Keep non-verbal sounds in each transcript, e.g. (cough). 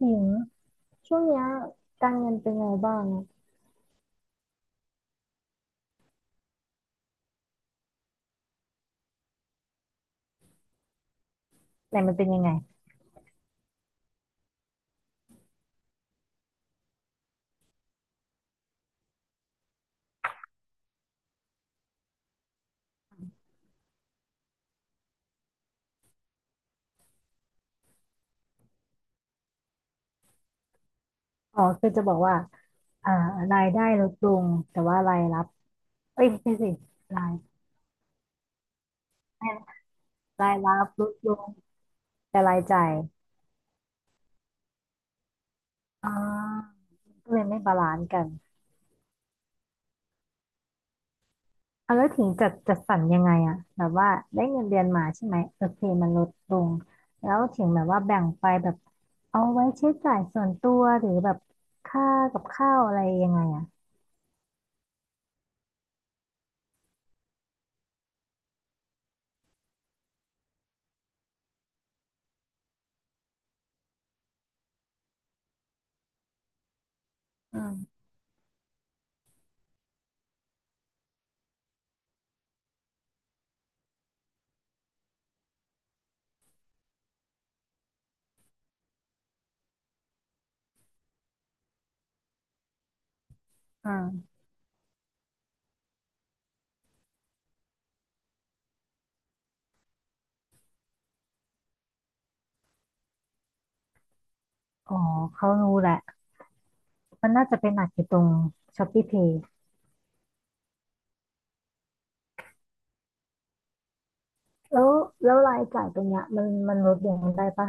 หญิงช่วงเนี้ยการเงินเป็นไงบ้างอะไหนมันเป็นยังไงอ๋อคือจะบอกว่าอ่ารายได้ลดลงแต่ว่ารายรับเอ้ยไม่ใช่สิรายรายรับลดลงแต่รายจ่ายอ่าก็เลยไม่บาลานซ์กันอ่ะแล้วถึงจัดสรรยังไงอะแบบว่าได้เงินเดือนมาใช่ไหมโอเคมันลดลงแล้วถึงแบบว่าแบ่งไปแบบเอาไว้ใช้จ่ายส่วนตัวหรือแบบค่ากับข้าวอะไรยังไงอะอืมอืมอ๋อเขารู้แหละ มันน่าจะไปนหนักอยู่ตรง Shopee Pay แล้วแล้วรายจ่ายตรงเนี้ยมันลดลงได้ปะ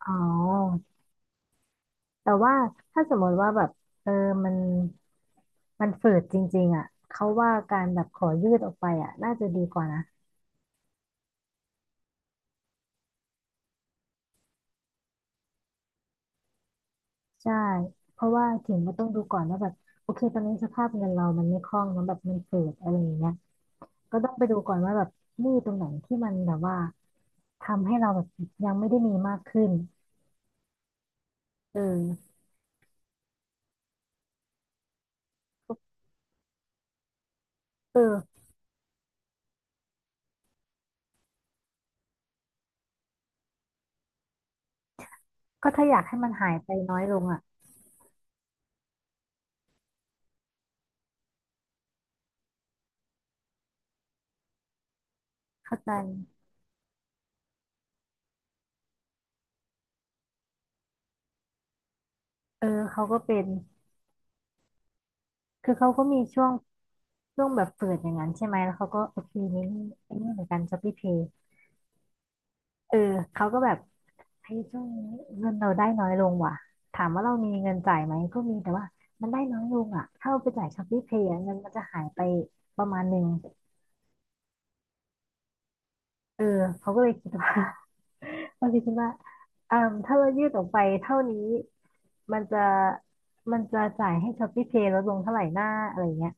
อ๋อ แต่ว่าถ้าสมมติว่าแบบเออมันมันฝืดจริงๆอ่ะเขาว่าการแบบขอยืดออกไปอ่ะน่าจะดีกว่านะใช่ เพราะว่าถึงก็ต้องดูก่อนว่าแบบโอเคตอนนี้สภาพเงินเรามันไม่คล่องมันแบบมันฝืดอะไรอย่างเงี้ยก็ต้องไปดูก่อนว่าแบบหนี้ตรงไหนที่มันแบบว่าทำให้เราแบบยังไม่ได้มีมากขึ้นเออเออก็ถ้าอยากให้มันหายไปน้อยลงอ่ะ เข้าใจเออเขาก็เป็นคือเขาก็มีช่วงแบบเปิดอย่างนั้นใช่ไหมแล้วเขาก็โอเคนี่นี่ไอ้นี่เหมือนกันช้อปปี้เพย์เออเขาก็แบบเฮ้ยช่วงนี้เงินเราได้น้อยลงว่ะถามว่าเรามีเงินจ่ายไหมก็มีแต่ว่ามันได้น้อยลงอ่ะถ้าเราไปจ่ายช้อปปี้เพย์เงินมันจะหายไปประมาณหนึ่งเออเขาก็เลยคิดว่า (laughs) เขาเลยคิดว่าอ่าถ้าเรายืดออกไปเท่านี้มันจะมันจะจ่ายให้ช้อปปี้เพย์ลดลงเท่าไหร่หน้าอะไรเงี้ย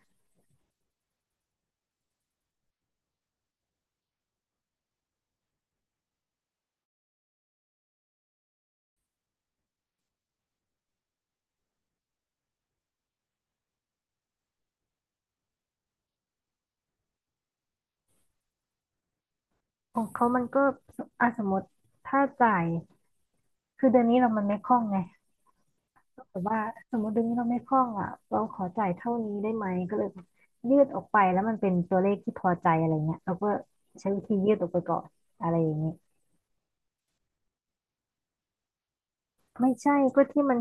ของเขามันก็อ่ะสมมติถ้าจ่ายคือเดือนนี้เรามันไม่คล่องไงแต่ว่าสมมติเดือนนี้เราไม่คล่องอ่ะเราขอจ่ายเท่านี้ได้ไหมก็เลยยืดออกไปแล้วมันเป็นตัวเลขที่พอใจอะไรเงี้ยเราก็ใช้วิธียืดออกไปก่อนอะไรอย่างเงี้ยไม่ใช่ก็ที่มัน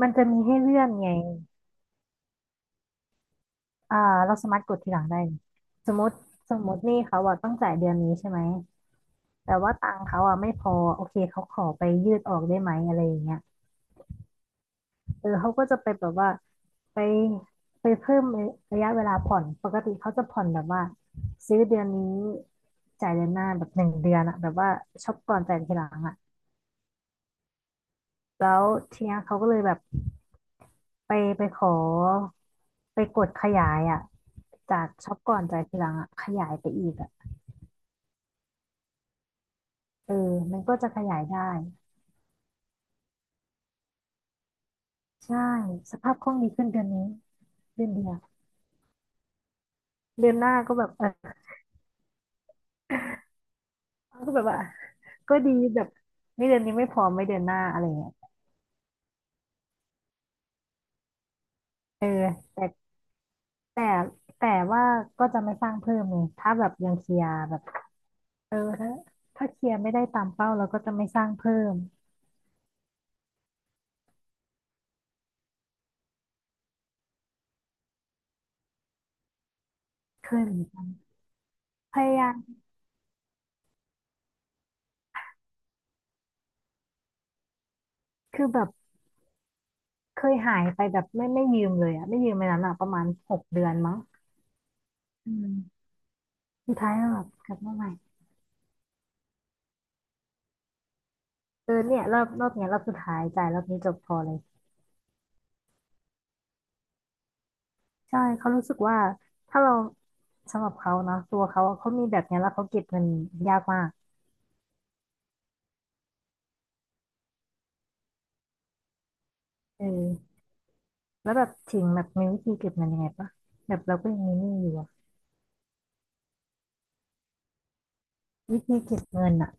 จะมีให้เลื่อนไงอ่าเราสามารถกดทีหลังได้สมมติหนี่เขาอ่ะต้องจ่ายเดือนนี้ใช่ไหมแต่ว่าตังค์เขาอ่ะไม่พอโอเคเขาขอไปยืดออกได้ไหมอะไรอย่างเงี้ย เออเขาก็จะไปแบบว่าไปไปเพิ่มระยะเวลาผ่อนปกติเขาจะผ่อนแบบว่าซื้อเดือนนี้จ่ายเดือนหน้าแบบหนึ่งเดือนอะแบบว่าช็อปก่อนจ่ายทีหลังอะแล้วทีเนี้ยเขาก็เลยแบบไปไปขอไปกดขยายอะจากช็อปก่อนจ่ายทีหลังอะขยายไปอีกอะเออมันก็จะขยายได้ใช่สภาพคล่องดีขึ้นเดือนนี้เดือนเดียวเดือนหน้าก็แบบเออก็แบบว่าก็ดีแบบไม่เดือนนี้ไม่พอไม่เดือนหน้าอะไรอย่างเงี้ย เออแต่แต่แต่ว่าก็จะไม่สร้างเพิ่มไงถ้าแบบยังเคลียร์แบบเออถ้าเคลียร์ไม่ได้ตามเป้าเราก็จะไม่สร้างเพิ่มเคยเหมือนกันพยายามคือแบบเคยหายไปแบบไม่ยืมเลยอะไม่ยืมไปนั้นอะประมาณ6 เดือนมั้งอืมสุดท้ายก็แบบกลับมาใหม่เออเนี่ยรอบเนี้ยรอบสุดท้ายจ่ายรอบนี้จบพอเลยใช่เขารู้สึกว่าถ้าเราสำหรับเขานะตัวเขาอะเขามีแบบเนี้ยแล้วเขาเก็บเงินยากมากเออ แล้วแบบถิงแบบมีวิธีเก็บเงินยังไงปะแบบเราก็ยังมีหนี้อยู่อะวิธีเก็บเงินอะ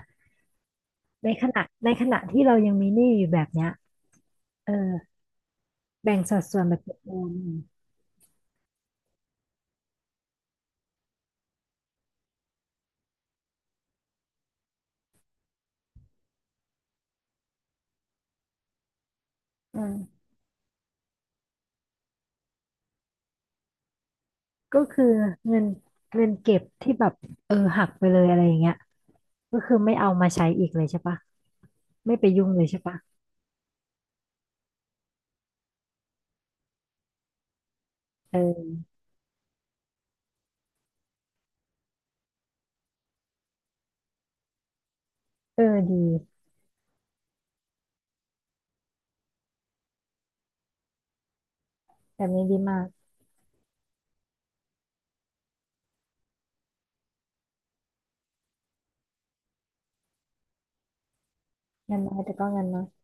ในขณะที่เรายังมีหนี้อยู่แบบเนี้ยเออแบ่งสัดส่วนแบบเอมอืมก็คือเงินเก็บที่แบบเออหักไปเลยอะไรอย่างเงี้ยก็คือไม่เอามาใช้อีกเลยใช่ปะไม่ไปยุ่งเลยใช่ปะเออเออดีแบบนี้ดีมากเงินน้อยแต่ก็เงินน้อย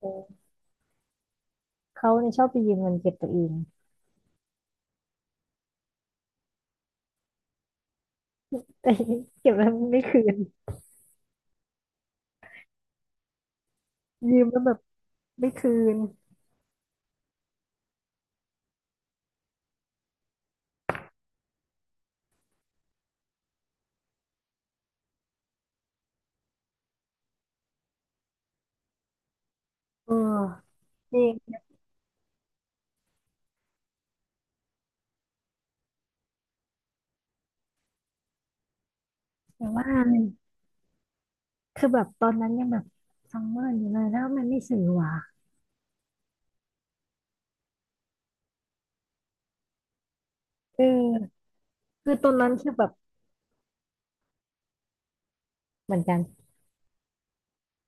เออเขาเนี่ยชอบไปยืมเงินเก็บตัวเองแต่ (laughs) เก็บแล้วไม่คืนยืมแล้วแบบไม่คืนเออจริง แต่ว่าคือแบบตอนนั้นยังแบบซัมเมอร์อยู่เลยแล้วมันไม่สื่อว่ะเออคือตอนนั้นคือแบบเหมือนกัน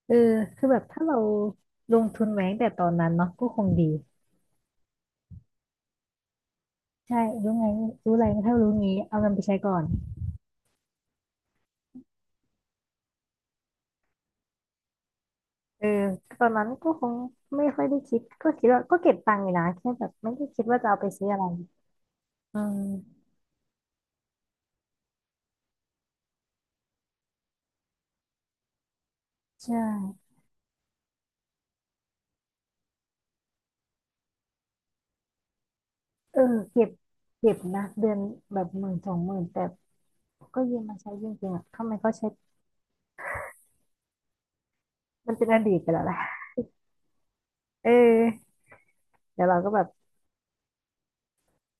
เออคือแบบถ้าเราลงทุนไว้ตั้งแต่ตอนนั้นเนาะก็คงดีใช่รู้ไงรู้อะไรถ้ารู้งี้เอาเงินไปใช้ก่อนเออตอนนั้นก็คงไม่ค่อยได้คิดก็คิดว่าก็เก็บตังค์อยู่นะแค่แบบไม่ได้คิดว่าจะเอาไปซื้ออะไรอืมใช่เออเก็บเก็บนะเดือนแบบ10,000 20,000แต่ก็ยืมมาใช้จริงๆอ่ะทำไมเขาใช้มันเป็นอดีตไปแล้วแหละเออ เดี๋ยวเราก็แบบ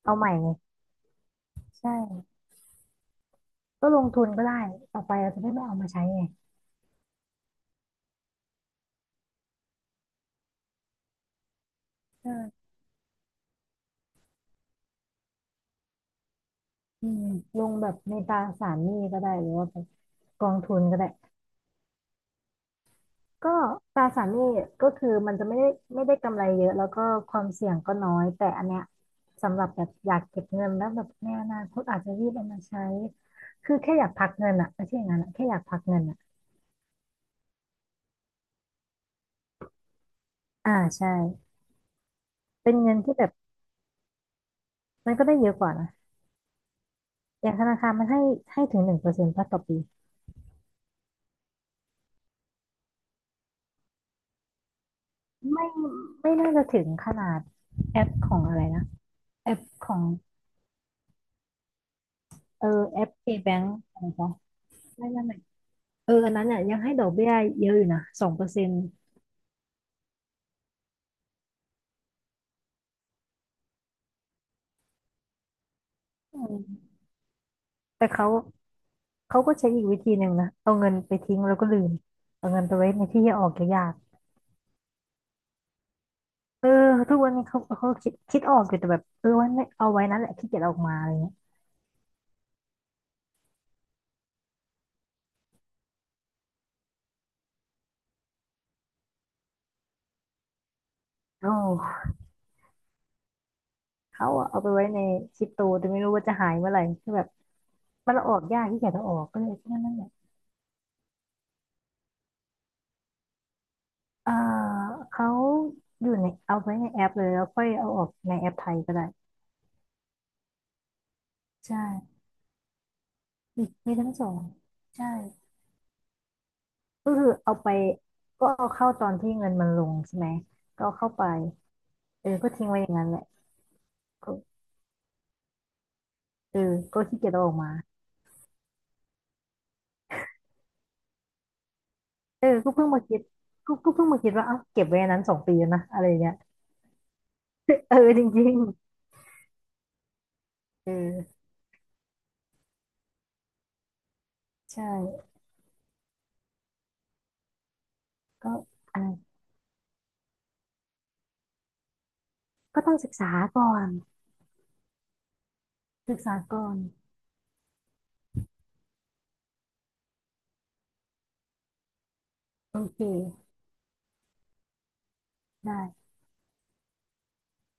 เอาใหม่ไงใช่ก็ลงทุนก็ได้ต่อไปเราจะได้ไม่เอามาใช้ไงใช่อืมลงแบบในตราสารหนี้ก็ได้หรือว่าแบบกองทุนก็ได้ก็ตราสารหนี้ก็คือมันจะไม่ได้กำไรเยอะแล้วก็ความเสี่ยงก็น้อยแต่อันเนี้ยสำหรับแบบอยากเก็บเงินแล้วแบบในอนาคตอาจจะรีบเอามาใช้คือแค่อยากพักเงินอะไม่ใช่อย่างนั้นอะแค่อยากพักเงินอะอ่าใช่เป็นเงินที่แบบมันก็ได้เยอะกว่านะอย่างธนาคารมันให้ถึง1%ต่อปี ไม่ไม่น่าจะถึงขนาดแอปของอะไรนะแอปของเออแอป KBank อะไรปะไม่เอออันนั้นเนี่ยยังให้ดอกเบี้ยเยอะอยู่นะ2%แต่เขาก็ใช้อีกวิธีหนึ่งนะเอาเงินไปทิ้งแล้วก็ลืมเอาเงินไปไว้ในที่ที่ออกยากๆเออทุกวันนี้เขาคิดออกอยู่แต่แบบเออไว้ไม่เอาไว้นั่นแหละขี้เกียจเอาออกมาอะไรเงี้ยโอ้เขาอะเอาไปไว้ในคริปโตแต่ไม่รู้ว่าจะหายเมื่อไหร่คือแบบมันเอาออกยากขี้เกียจเอาออกก็เลยนั่นแหละ เอ่อเขาอยู่ในเอาไว้ในแอปเลยแล้วค่อยเอาออกในแอปไทยก็ได้ใช่มีมีทั้งสองใช่ก็คือเอาไปก็เอาเข้าตอนที่เงินมันลงใช่ไหมก็เอาเข้าไปเออก็ทิ้งไว้อย่างนั้นแหละก็เออก็ขี้เกียจเอาออกมาเออก็เพิ่งมาคิดก็เพิ่งมาคิดว่าเอ้าเก็บไว้อันนั้น2 ปีแล้วนะอะไรอย่างเงี้ยเออจริงๆเออใช่ก็อะไรก็ต้องศึกษาก่อนศึกษาก่อนโอเคได้